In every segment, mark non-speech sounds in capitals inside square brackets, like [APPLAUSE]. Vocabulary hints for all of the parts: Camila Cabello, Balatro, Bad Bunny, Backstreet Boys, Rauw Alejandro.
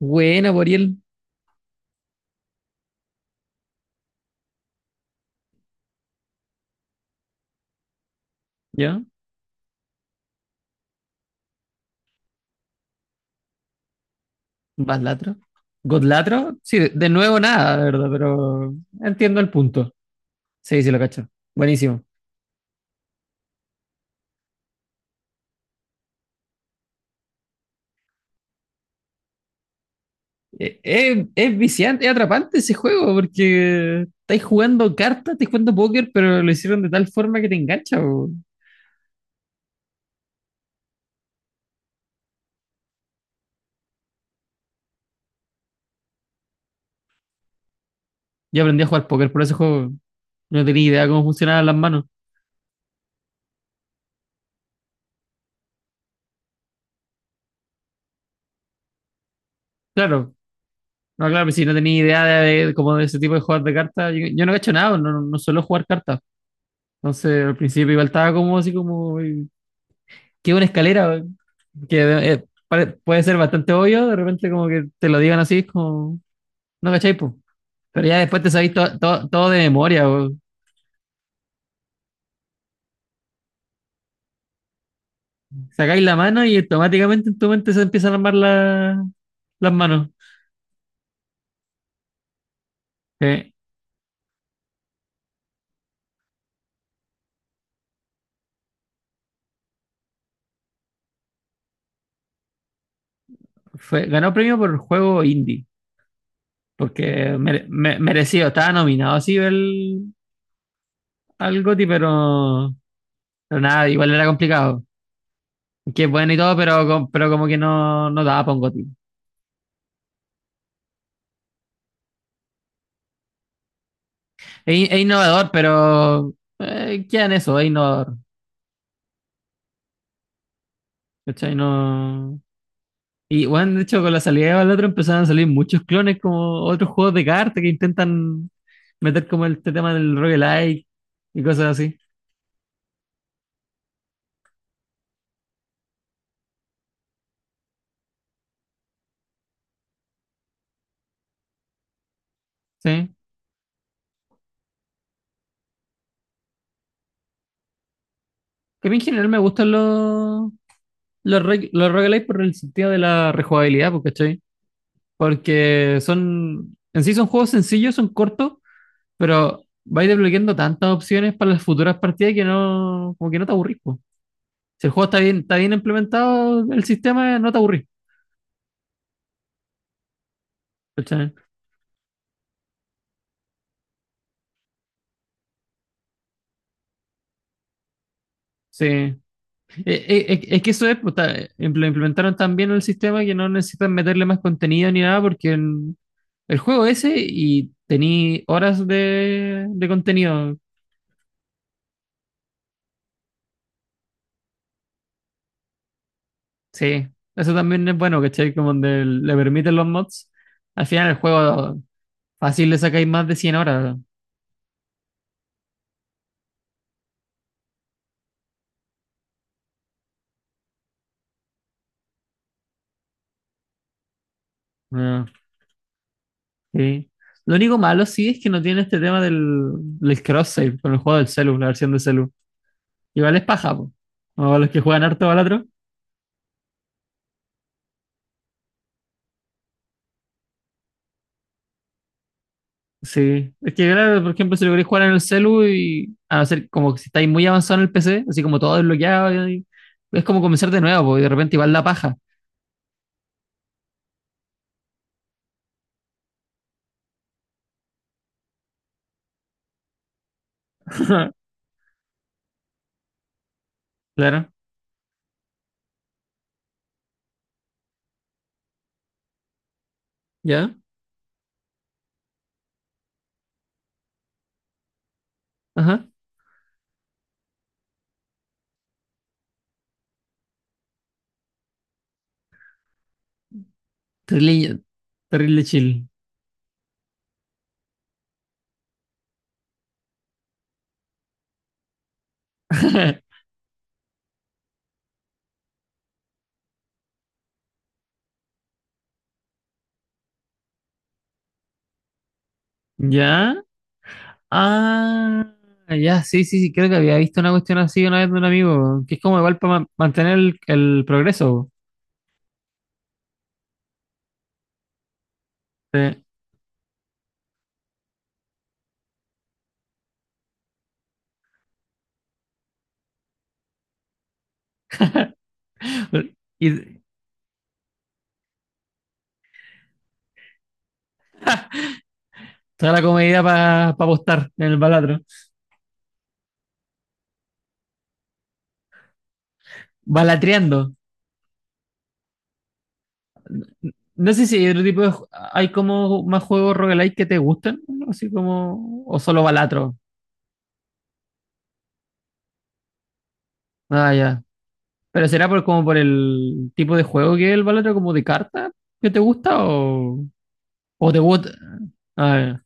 Buena, Boriel. ¿Ya? ¿Vas latro? ¿God latro? Sí, de nuevo nada, la verdad, pero entiendo el punto. Sí, sí, lo cacho. Buenísimo. Es viciante, es atrapante ese juego, porque estáis jugando cartas, estáis jugando póker, pero lo hicieron de tal forma que te engancha. Bo. Yo aprendí a jugar póker por ese juego. No tenía idea cómo funcionaban las manos. Claro, no, claro, si no tenía idea como de ese tipo de juegos de cartas, yo no he hecho nada, no, no suelo jugar cartas. Entonces al principio igual estaba como, que es una escalera que puede ser bastante obvio, de repente como que te lo digan así, es como, no cachai, po. Pero ya después te sabéis todo de memoria, po. Sacáis la mano y automáticamente en tu mente se empiezan a armar las manos. Sí. Fue, ganó premio por juego indie, porque merecido, estaba nominado así el, al GOTY, pero nada, igual era complicado. Que es bueno y todo, pero, pero como que no, no daba para un GOTY. Es innovador, pero queda en eso, es innovador. ¿Cachai? No. Y bueno, de hecho, con la salida del otro empezaron a salir muchos clones como otros juegos de cartas que intentan meter como este tema del roguelike y cosas así. Sí. Que a mí en general me gustan los roguelike por el sentido de la rejugabilidad, pues, ¿cachai? Porque son, en sí son juegos sencillos, son cortos, pero vais desbloqueando tantas opciones para las futuras partidas que no, como que no te aburrís, pues. Si el juego está bien implementado, el sistema no te aburrís. Sí. Es que eso es, pues, implementaron tan bien el sistema que no necesitan meterle más contenido ni nada porque el juego ese y tení horas de contenido. Sí, eso también es bueno, ¿cachai? Como donde le permiten los mods. Al final el juego fácil le sacáis más de 100 horas. Ah, sí. Lo único malo sí es que no tiene este tema del cross-save con el juego del celu, la versión de celu. Igual es paja, po. O los que juegan harto balatro. Sí. Es que, claro, por ejemplo, si lo queréis jugar en el celu y a no ser como que si estáis muy avanzado en el PC, así como todo desbloqueado, es como comenzar de nuevo, po, y de repente igual la paja. [LAUGHS] Claro. ¿Ya? Ajá. Terrible, terrible chill. [LAUGHS] ¿Ya? Ah, ya, sí, sí, sí, creo que había visto una cuestión así una vez de un amigo, que es como igual para mantener el progreso. Po. Sí. Y te da la comodidad para apostar en el balatro. Balatreando. No sé si hay otro tipo de. ¿Hay como más juegos roguelike que te gusten así como? O solo Balatro. Ah, ya. Pero será por como por el tipo de juego que es el Balatro, como de carta que te gusta o. O te gusta. Ah,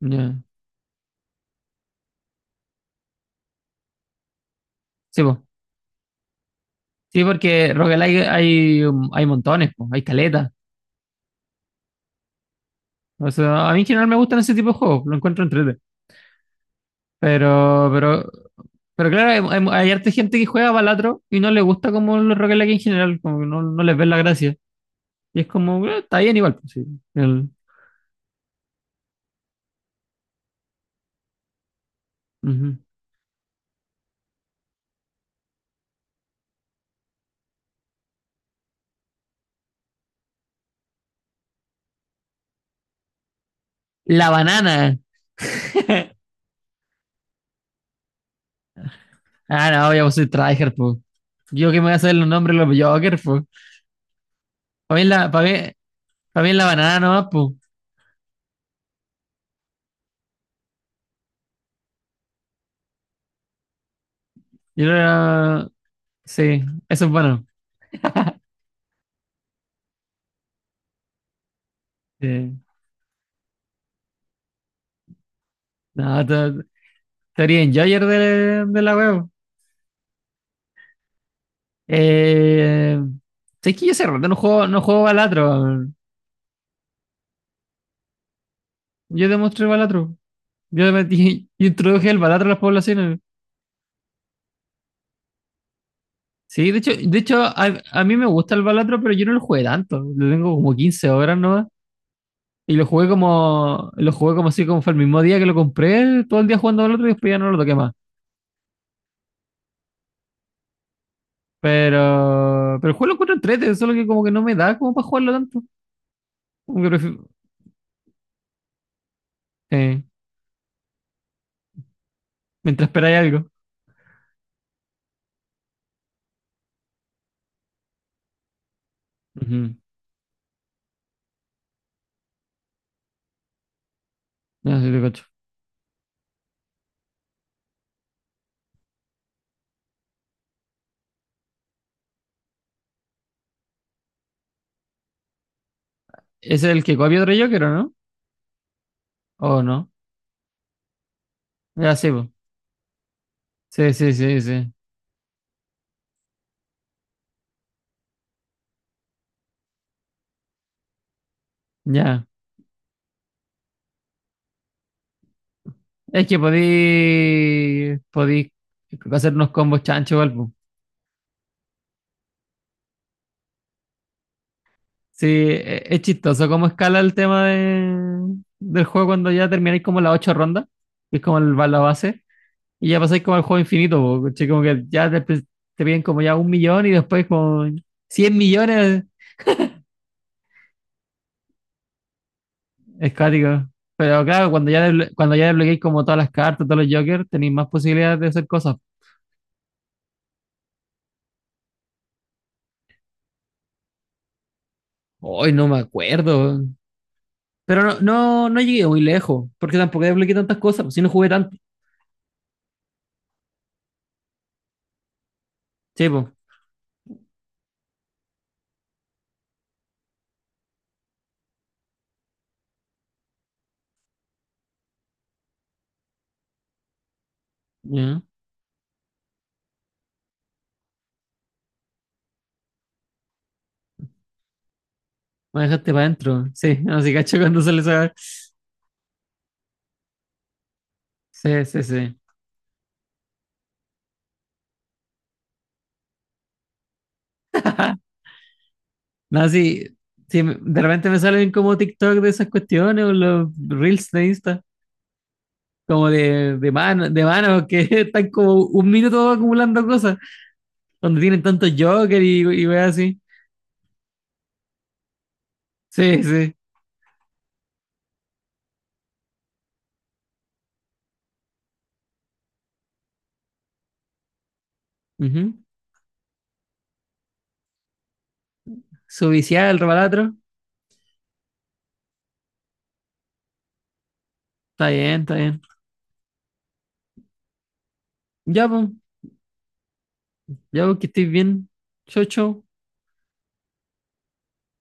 ya. Ya. Sí, po. Sí, porque roguelike hay, hay montones, po. Hay caletas. O sea, a mí en general me gustan ese tipo de juegos, lo encuentro entrete. Pero, pero, pero claro, hay harta gente que juega Balatro y no le gusta como los roguelike en general, como que no, no les ven la gracia. Y es como, está bien igual, pues, sí. El- ujú. La banana. [LAUGHS] Ah, no, yo soy tryhard, po. Yo que me voy a saber los nombres de los Jokers, po. Para mí, pa' mí la banana nomás, po. Yo era. Sí, eso es bueno. Sí. No, teoría enjoyer de la web. Eh, ¿Sabes que yo hace rato no juego balatro? Weón. Yo demostré balatro. Yo, [LAUGHS] introduje el balatro a las poblaciones. Sí, de hecho, a mí me gusta el Balatro, pero yo no lo jugué tanto. Lo tengo como 15 horas nomás. Y lo jugué como así, como fue el mismo día que lo compré, todo el día jugando Balatro y después ya no lo toqué más. Pero el juego lo encuentro entrete, solo que como que no me da como para jugarlo tanto. Como que prefiero- eh, mientras esperáis algo. Ujú. No, sí te cacho. Ese es el que copia otro Joker, ¿o no? ¿O no? Ya sí, po. Sí, sí, sí, sí. Ya. Es que podí hacer unos combos chancho, igual. Sí, es chistoso cómo escala el tema del juego cuando ya termináis como las 8 rondas, que es como el, va la base, y ya pasáis como al juego infinito, po, ¿cachai? Como que ya te, te piden como ya 1 millón y después como 100 millones, es cuático. Pero claro, cuando ya, cuando ya desbloqueáis como todas las cartas, todos los jokers, tenéis más posibilidades de hacer cosas. Hoy no me acuerdo. Pero no, no, no llegué muy lejos, porque tampoco desbloqueé tantas cosas, pues si no jugué tanto. Sí, pues. Ya, me dejaste para adentro. Sí, así cacho cuando sale esa. Sí, sí, sí. No, sí, sí, de repente me salen como TikTok de esas cuestiones o los reels de Insta, como de mano, que [LAUGHS] están como 1 minuto acumulando cosas, donde tienen tantos Joker y weas así. Sí, sí. Ujú. Su viciada, el rebalatro. Está bien, está bien. Ya, pues, ya, pues, que estés bien. Chau, chau.